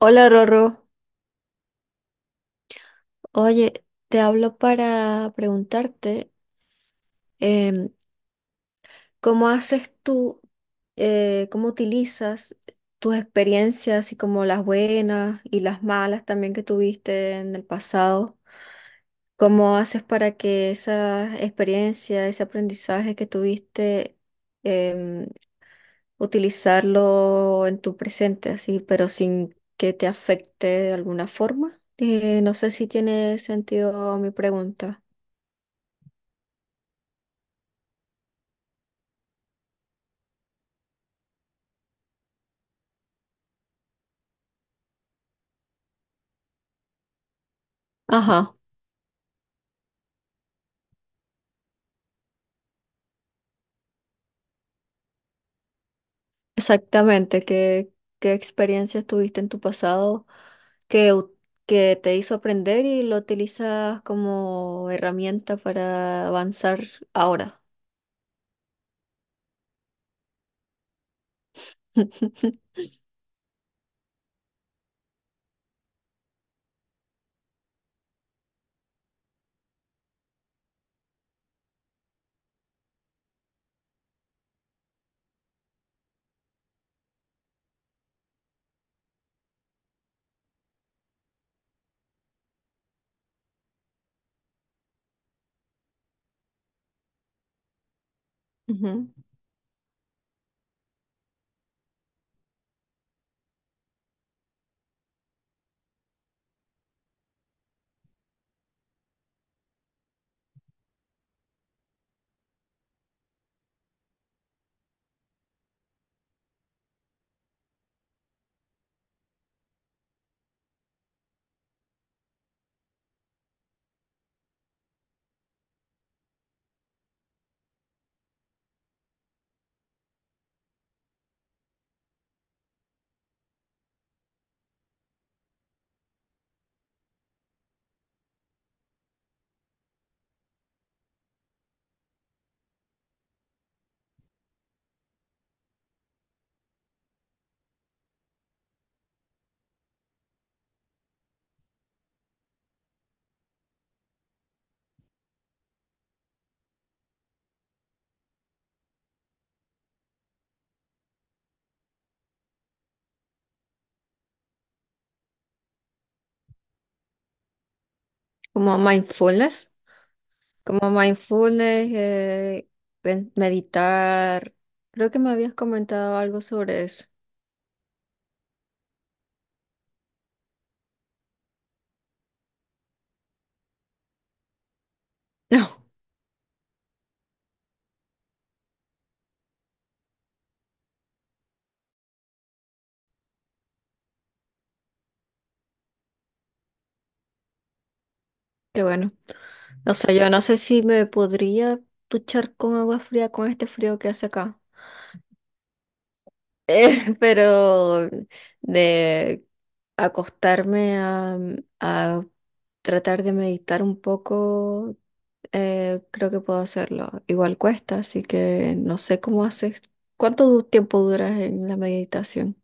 Hola Rorro, oye, te hablo para preguntarte em, cómo haces tú, cómo utilizas tus experiencias y como las buenas y las malas también que tuviste en el pasado. ¿Cómo haces para que esa experiencia, ese aprendizaje que tuviste, em, utilizarlo en tu presente, así, pero sin que te afecte de alguna forma? No sé si tiene sentido mi pregunta. Ajá, exactamente. ¿Qué, qué experiencias tuviste en tu pasado que, que te hizo aprender y lo utilizas como herramienta para avanzar ahora? Ujú. Como mindfulness, como mindfulness, meditar. Creo que me habías comentado algo sobre eso. No, qué bueno. O sea, yo no sé si me podría duchar con agua fría con este frío que hace acá. Pero de acostarme a tratar de meditar un poco, creo que puedo hacerlo. Igual cuesta, así que no sé cómo haces. ¿Cuánto tiempo duras en la meditación?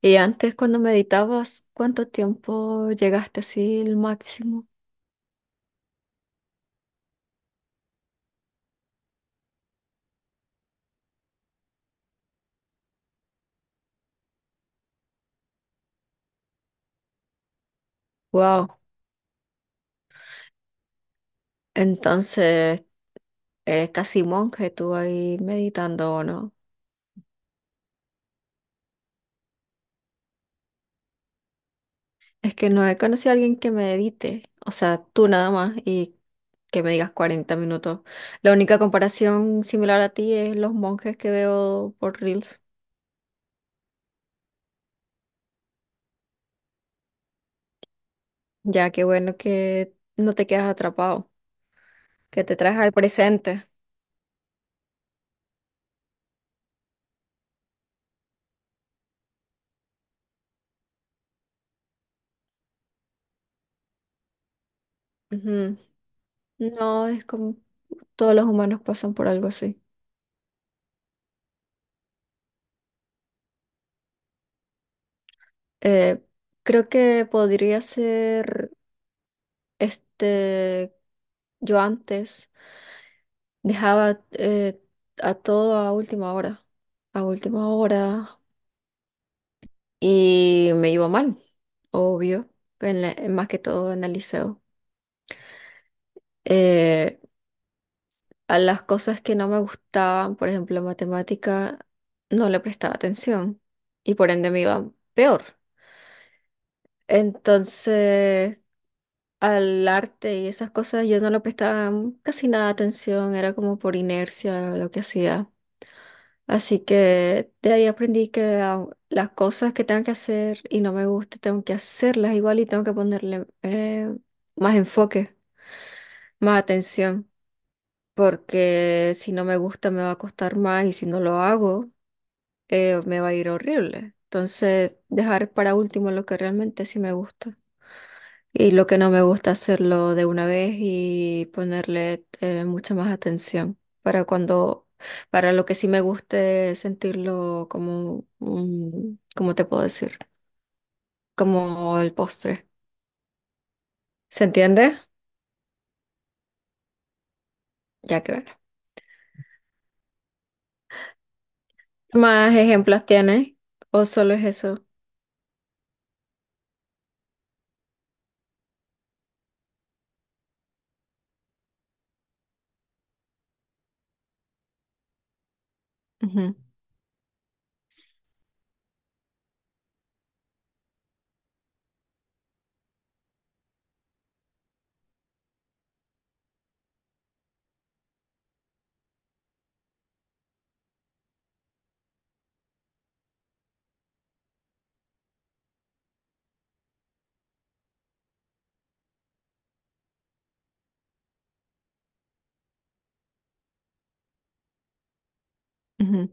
Y antes, cuando meditabas, ¿cuánto tiempo llegaste así el máximo? Wow. Entonces, casi monje tú ahí meditando, ¿o no? Es que no he conocido a alguien que medite, o sea, tú nada más y que me digas 40 minutos. La única comparación similar a ti es los monjes que veo por Reels. Ya que bueno que no te quedas atrapado, que te traes al presente. Ujú. No, es como todos los humanos pasan por algo así. Eh, creo que podría ser este, yo antes dejaba a todo a última hora y me iba mal, obvio, más que todo en el liceo. Eh, a las cosas que no me gustaban, por ejemplo, matemática, no le prestaba atención y por ende me iba peor. Entonces, al arte y esas cosas yo no le prestaba casi nada de atención, era como por inercia lo que hacía. Así que de ahí aprendí que las cosas que tengo que hacer y no me guste, tengo que hacerlas igual y tengo que ponerle más enfoque, más atención, porque si no me gusta me va a costar más y si no lo hago me va a ir horrible. Entonces, dejar para último lo que realmente sí me gusta. Y lo que no me gusta hacerlo de una vez y ponerle mucha más atención para cuando, para lo que sí me guste sentirlo como un, ¿cómo te puedo decir? Como el postre. ¿Se entiende? Ya que bueno. ¿Más ejemplos tienes? ¿O solo es eso? Ujú, ujú.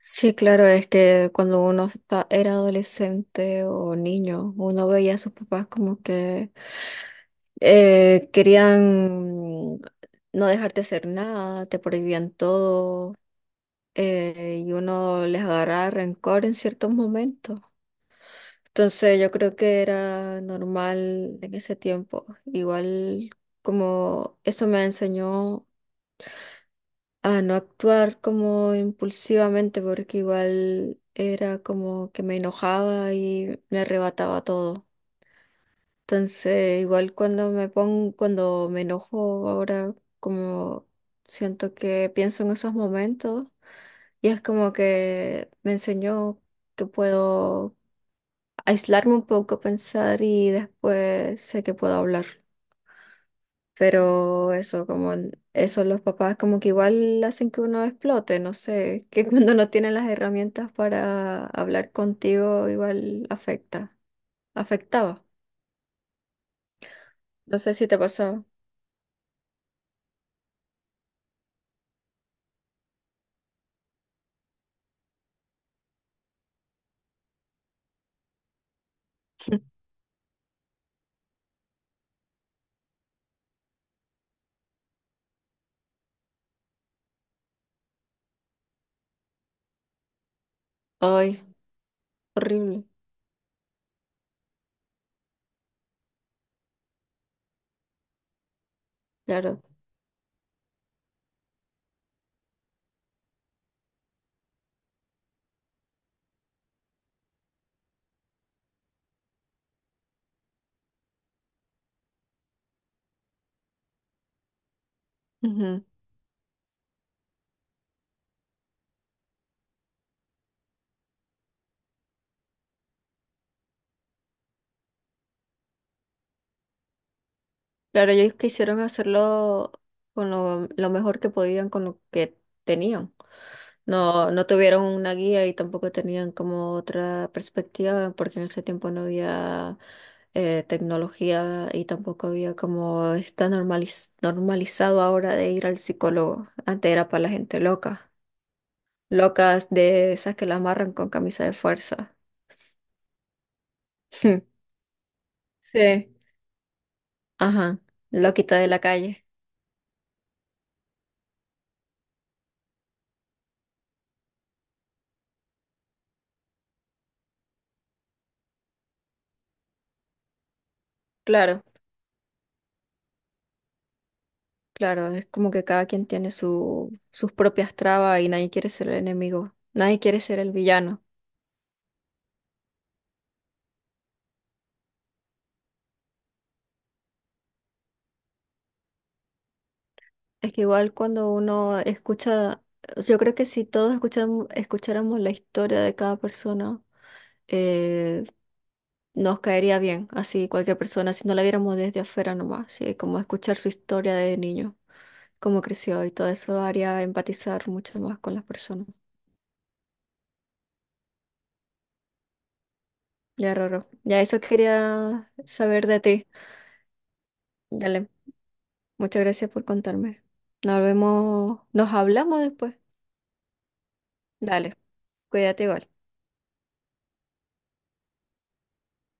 Sí, claro, es que cuando era adolescente o niño, uno veía a sus papás como que querían no dejarte hacer nada, te prohibían todo, y uno les agarraba rencor en ciertos momentos. Entonces yo creo que era normal en ese tiempo. Igual como eso me enseñó a no actuar como impulsivamente porque igual era como que me enojaba y me arrebataba todo. Entonces, igual cuando me pongo, cuando me enojo ahora, como siento que pienso en esos momentos y es como que me enseñó que puedo aislarme un poco, pensar y después sé que puedo hablar. Pero eso, como eso, los papás como que igual hacen que uno explote, no sé, que cuando no tienen las herramientas para hablar contigo, igual afecta, afectaba. No sé si te pasaba. Ay, horrible, claro. Ujú. Claro, ellos quisieron hacerlo con lo mejor que podían, con lo que tenían. No, no tuvieron una guía y tampoco tenían como otra perspectiva, porque en ese tiempo no había tecnología y tampoco había como está normalizado ahora de ir al psicólogo. Antes era para la gente loca, locas de esas que la amarran con camisa de fuerza. Sí. Ajá, loquita de la calle. Claro, claro, es como que cada quien tiene su, sus propias trabas y nadie quiere ser el enemigo, nadie quiere ser el villano. Es que igual cuando uno escucha, yo creo que si todos escucháramos la historia de cada persona, eh, nos caería bien, así cualquier persona, si no la viéramos desde afuera nomás, sí, como escuchar su historia de niño, cómo creció y todo eso haría empatizar mucho más con las personas. Ya, Roro. Ya eso quería saber de ti. Dale, muchas gracias por contarme. Nos vemos, nos hablamos después. Dale, cuídate igual.